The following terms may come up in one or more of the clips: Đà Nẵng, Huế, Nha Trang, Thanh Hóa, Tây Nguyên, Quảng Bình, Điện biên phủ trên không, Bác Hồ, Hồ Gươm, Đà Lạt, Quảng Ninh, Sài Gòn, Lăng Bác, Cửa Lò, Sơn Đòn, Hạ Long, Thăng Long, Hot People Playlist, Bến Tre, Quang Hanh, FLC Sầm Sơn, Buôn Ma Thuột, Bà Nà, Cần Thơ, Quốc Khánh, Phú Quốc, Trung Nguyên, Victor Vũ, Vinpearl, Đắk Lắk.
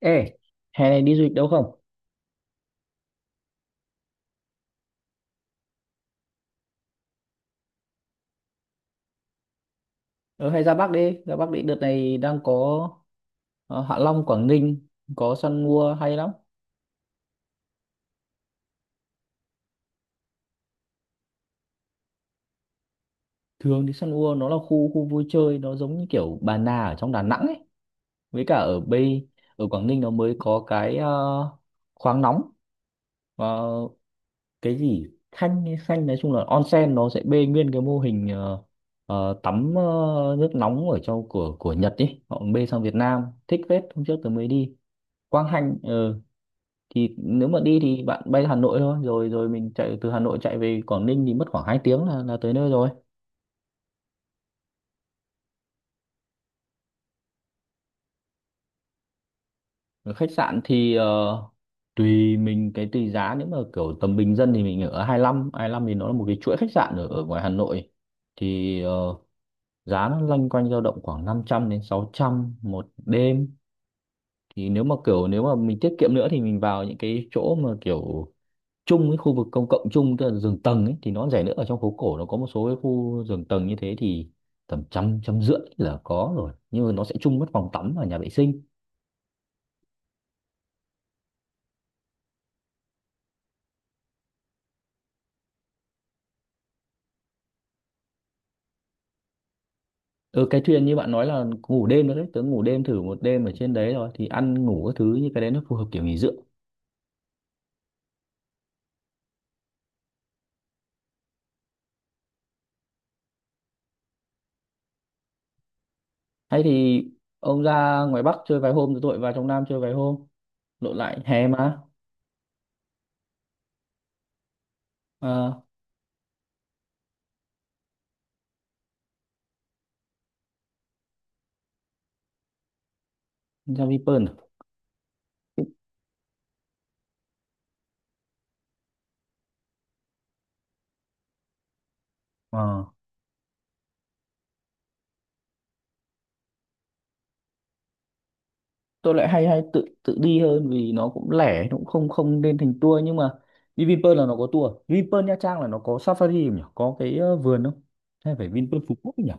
Ê, hè này đi du lịch đâu không? Ờ, hay ra Bắc đi, ra Bắc đi. Đợt này đang có Hạ Long, Quảng Ninh, có săn mua hay lắm. Thường thì săn mua nó là khu khu vui chơi, nó giống như kiểu Bà Nà ở trong Đà Nẵng ấy. Với cả ở Bay, ở Quảng Ninh nó mới có cái khoáng nóng, ờ, cái gì Khanh, hay Khanh nói chung là onsen, nó sẽ bê nguyên cái mô hình tắm nước nóng ở trong của Nhật ấy. Họ bê sang Việt Nam, thích phết, hôm trước tôi mới đi. Quang Hanh, thì nếu mà đi thì bạn bay Hà Nội thôi, rồi rồi mình chạy từ Hà Nội chạy về Quảng Ninh thì mất khoảng 2 tiếng là tới nơi rồi. Ở khách sạn thì tùy mình, cái tùy giá, nếu mà kiểu tầm bình dân thì mình ở 25 lăm, thì nó là một cái chuỗi khách sạn ở ngoài Hà Nội, thì giá nó loanh quanh dao động khoảng 500 đến 600 một đêm. Thì nếu mà mình tiết kiệm nữa thì mình vào những cái chỗ mà kiểu chung với khu vực công cộng, chung tức là giường tầng ấy, thì nó rẻ nữa. Ở trong phố cổ nó có một số cái khu giường tầng như thế thì tầm trăm trăm rưỡi là có rồi, nhưng mà nó sẽ chung mất phòng tắm và nhà vệ sinh. Ừ, cái thuyền như bạn nói là ngủ đêm nữa đấy, tớ ngủ đêm thử một đêm ở trên đấy rồi, thì ăn ngủ các thứ, như cái đấy nó phù hợp kiểu nghỉ dưỡng. Hay thì ông ra ngoài Bắc chơi vài hôm rồi tôi lại vào trong Nam chơi vài hôm, lộn lại hè mà. À, ra Vinpearl à? Ờ. Tôi lại hay hay tự tự đi hơn, vì nó cũng lẻ, nó cũng không không nên thành tour, nhưng mà đi Vinpearl là nó có tour à? Vinpearl Nha Trang là nó có safari không nhỉ, có cái vườn không, hay phải Vinpearl Phú Quốc nhỉ.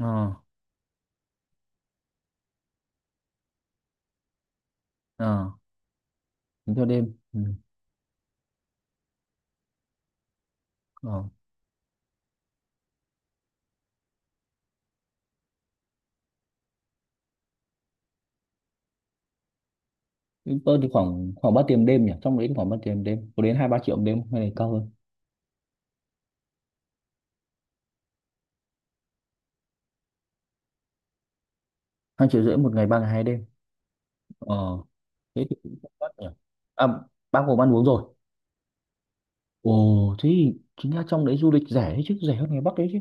Ờ, ờ, tính theo đêm, ừ. Ờ. Vinpearl thì khoảng khoảng ba tiền đêm nhỉ, trong đấy thì khoảng ba tiền đêm có đến 2-3 triệu một đêm không? Hay là cao hơn, 2,5 triệu một ngày, 3 ngày 2 đêm? ờ Thế thì cũng không đắt nhỉ. À, bao gồm ăn uống rồi. Ồ, thế thì chính ra trong đấy du lịch rẻ đấy chứ, rẻ hơn ngoài Bắc đấy chứ.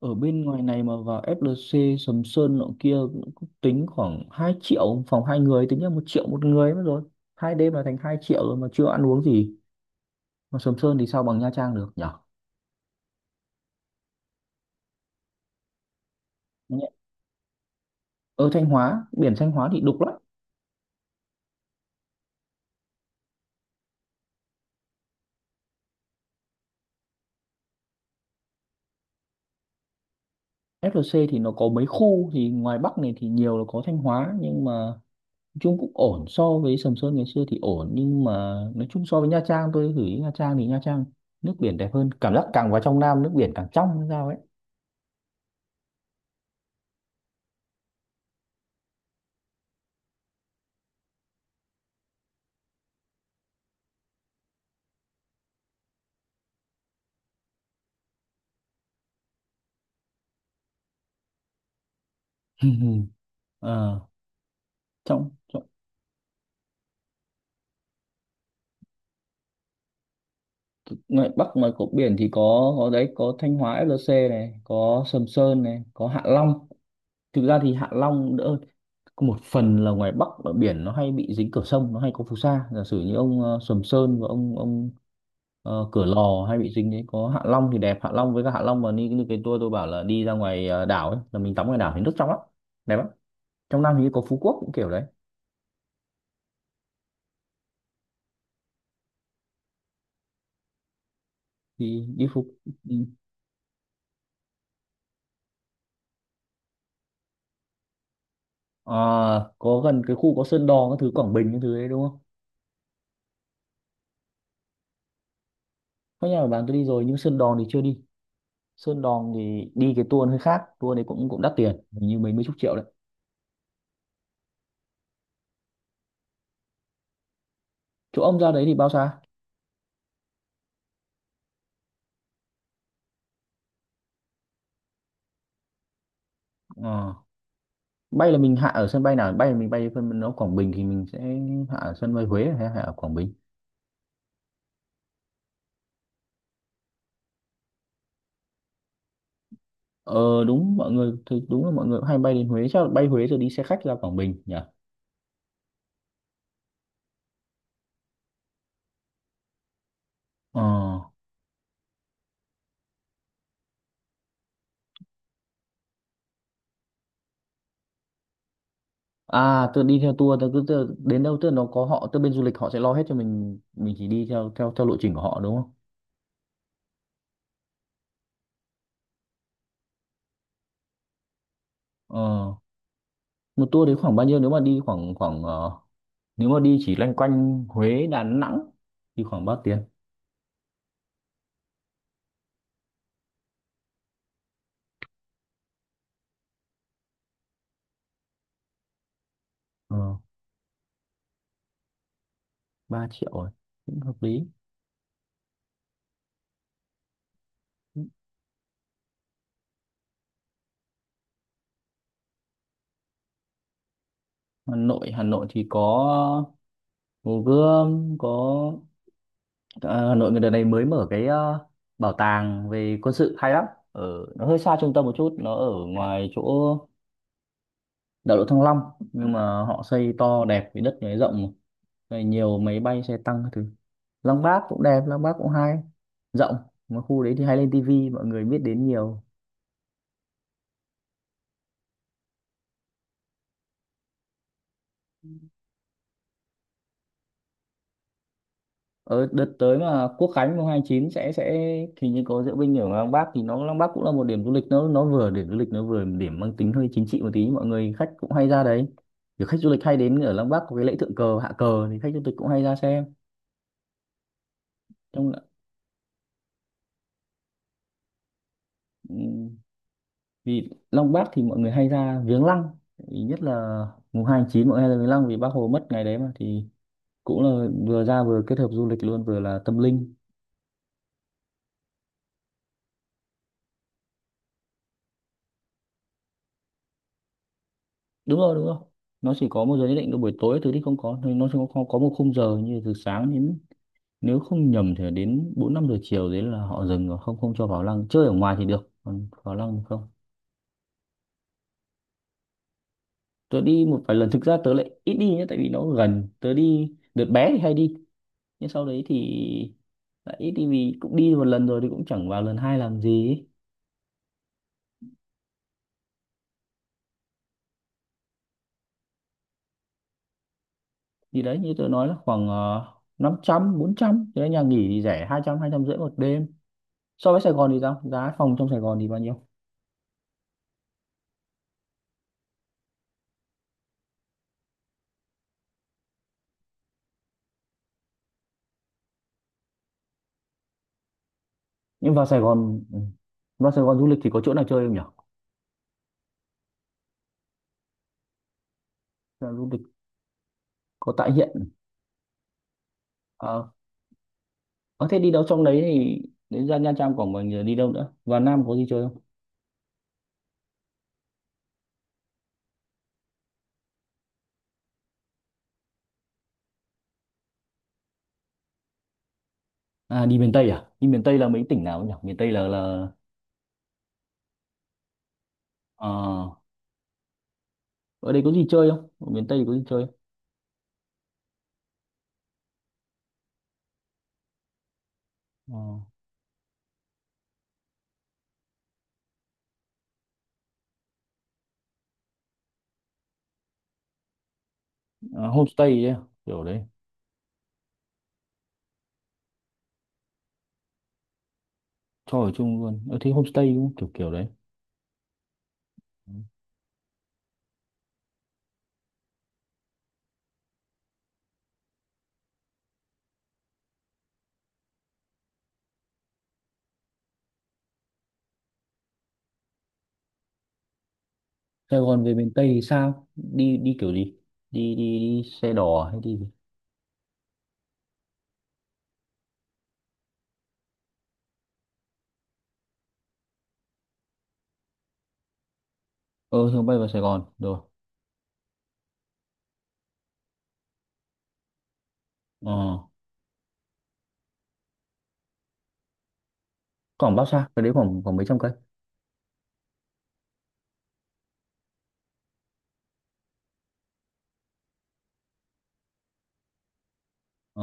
Ở bên ngoài này mà vào FLC Sầm Sơn nọ kia cũng cũng tính khoảng 2 triệu phòng hai người, tính là 1 triệu một người mất rồi. 2 đêm là thành 2 triệu rồi mà chưa ăn uống gì, mà Sầm Sơn thì sao bằng Nha Trang được nhở. Ở Thanh Hóa, biển Thanh Hóa thì đục lắm. FLC thì nó có mấy khu, thì ngoài Bắc này thì nhiều là có Thanh Hóa, nhưng mà nói chung cũng ổn so với Sầm Sơn ngày xưa thì ổn, nhưng mà nói chung so với Nha Trang, tôi gửi Nha Trang thì Nha Trang nước biển đẹp hơn, cảm giác càng vào trong Nam nước biển càng trong hay sao ấy. Ờ, trong ngoài Bắc, ngoài cột biển thì có đấy, có Thanh Hóa FLC này, có Sầm Sơn này, có Hạ Long, thực ra thì Hạ Long đỡ hơn. Có một phần là ngoài Bắc ở biển nó hay bị dính cửa sông, nó hay có phù sa, giả sử như ông Sầm Sơn, và ông Cửa Lò hay bị dính đấy. Có Hạ Long thì đẹp, Hạ Long với cả Hạ Long mà đi như cái tour tôi bảo, là đi ra ngoài đảo ấy, là mình tắm ngoài đảo thì nước trong lắm, đẹp lắm. Trong Nam thì có Phú Quốc cũng kiểu đấy, thì đi Phú. Ừ. À, có gần cái khu có Sơn Đòn các thứ, Quảng Bình các thứ đấy, đúng không? Có, nhà của bạn tôi đi rồi nhưng Sơn Đòn thì chưa đi. Sơn Đòn thì đi cái tour hơi khác, tour đấy cũng cũng đắt tiền, hình như mấy mấy chục triệu đấy. Chỗ ông ra đấy thì bao xa? Ờ, bay là mình hạ ở sân bay nào, bay là mình bay phân nó Quảng Bình thì mình sẽ hạ ở sân bay Huế hay hạ ở Quảng Bình? Ờ Đúng, mọi người thì đúng là mọi người cũng hay bay đến Huế, chắc là bay Huế rồi đi xe khách ra Quảng Bình nhỉ. ờ À, tôi đi theo tour, tôi cứ đến đâu, tức là nó có họ, tức bên du lịch họ sẽ lo hết cho mình chỉ đi theo theo theo lộ trình của họ, đúng không? ờ Một tour đấy khoảng bao nhiêu, nếu mà đi khoảng khoảng nếu mà đi chỉ loanh quanh Huế, Đà Nẵng thì khoảng bao tiền? ờ, 3 triệu rồi cũng hợp lý. Hà Nội thì có Hồ Gươm, có, à, Hà Nội người đợt này mới mở cái bảo tàng về quân sự hay lắm. Ở, nó hơi xa trung tâm một chút, nó ở ngoài chỗ đại lộ Thăng Long, nhưng mà họ xây to đẹp, với đất này rộng này, nhiều máy bay xe tăng các thứ. Lăng Bác cũng đẹp, Lăng Bác cũng hay, rộng, mà khu đấy thì hay lên tivi mọi người biết đến nhiều. Ở đợt tới mà Quốc Khánh mùng 2/9 sẽ thì như có diễu binh ở Lăng Bác, thì nó Lăng Bác cũng là một điểm du lịch, nó vừa điểm du lịch, nó vừa điểm mang tính hơi chính trị một tí, mọi người khách cũng hay ra đấy, kiểu khách du lịch hay đến ở Lăng Bác, có cái lễ thượng cờ hạ cờ thì khách du lịch cũng hay ra xem. Trong ừm, Vì Lăng Bác thì mọi người hay ra viếng lăng. Ý nhất là mùng 2/9 mọi người hay ra viếng lăng, vì Bác Hồ mất ngày đấy mà, thì cũng là vừa ra vừa kết hợp du lịch luôn, vừa là tâm linh. Đúng rồi, đúng rồi. Nó chỉ có một giờ nhất định, là buổi tối thứ thì không có, thì nó chỉ có một khung giờ, như từ sáng đến, nếu không nhầm, thì đến 4-5 giờ chiều đấy là họ dừng rồi, không không cho vào lăng. Chơi ở ngoài thì được, còn vào lăng thì không. Tớ đi một vài lần, thực ra tớ lại ít đi nhé, tại vì nó gần tớ đi đợt bé thì hay đi, nhưng sau đấy thì lại ít đi vì cũng đi một lần rồi thì cũng chẳng vào lần hai làm gì ấy. Thì đấy như tớ nói là khoảng 500-400 thế nhà nghỉ thì rẻ, hai hai trăm, hai trăm rưỡi một đêm. So với Sài Gòn thì sao, giá phòng trong Sài Gòn thì bao nhiêu? Nhưng vào Sài Gòn, ừ, vào Sài Gòn du lịch thì có chỗ nào chơi không nhỉ? Là du lịch, có tại hiện. Ờ, à, thế đi đâu trong đấy thì đến, ra Nha Trang, Quảng Bình, rồi đi đâu nữa, vào Nam có gì chơi không? À, đi miền Tây, à đi miền Tây là mấy tỉnh nào nhỉ, miền Tây là, ờ, ở đây có gì chơi không, ở miền Tây thì có gì chơi không? Ờ, à, homestay ấy, à? Kiểu đấy, cho ở chung luôn ở, thế homestay cũng kiểu kiểu đấy. Ừ. Sài Gòn về miền Tây thì sao, đi đi kiểu gì, đi đi đi xe đò hay đi gì? Ờ Thường bay vào Sài Gòn rồi. ờ Khoảng bao xa cái đấy, khoảng khoảng mấy trăm cây? Ờ,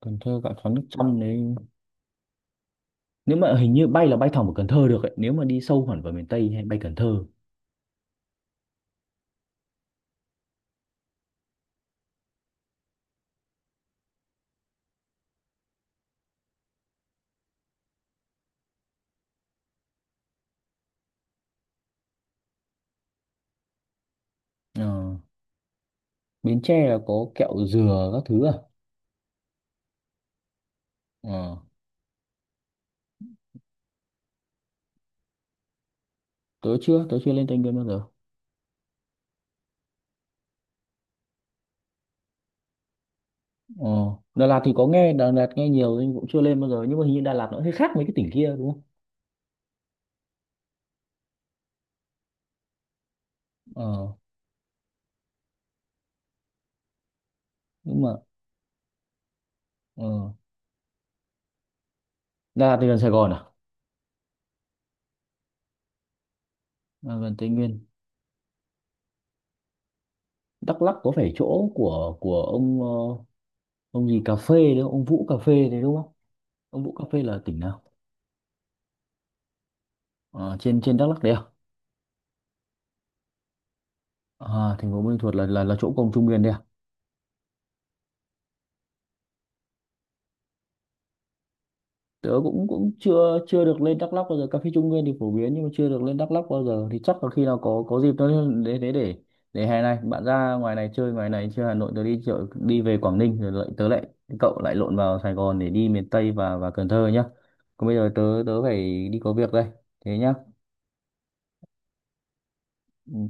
Cần Thơ cạn sóng nước trong đấy, nếu mà hình như bay là bay thẳng vào Cần Thơ được ấy, nếu mà đi sâu hẳn vào miền Tây hay bay Cần Thơ. Ờ, Bến Tre là có kẹo dừa các thứ à. Ờ, tớ chưa lên Tây Nguyên bao giờ. Ờ, Đà Lạt thì có nghe, Đà Lạt nghe nhiều nhưng cũng chưa lên bao giờ, nhưng mà hình như Đà Lạt nó hơi khác mấy cái tỉnh kia, đúng không? Ờ, nhưng mà ờ, Đà Lạt thì gần Sài Gòn à? À, gần Tây Nguyên. Đắk Lắk có phải chỗ của ông, ông gì cà phê đấy, ông Vũ cà phê đấy đúng không, ông Vũ cà phê là tỉnh nào? Ờ, trên trên Đắk Lắk đấy à? À, thành phố Buôn Ma Thuột là chỗ cổng Trung Nguyên đấy à? Tớ cũng cũng chưa chưa được lên Đắk Lắk bao giờ. Cà phê Trung Nguyên thì phổ biến nhưng mà chưa được lên Đắk Lắk bao giờ. Thì chắc là khi nào có dịp tớ để để hè này bạn ra ngoài này chơi, ngoài này chơi Hà Nội, tớ đi chợ, đi về Quảng Ninh, rồi lại tớ lại cậu lại lộn vào Sài Gòn để đi miền Tây và Cần Thơ nhá. Còn bây giờ tớ tớ phải đi có việc đây. Thế nhá. Ừ.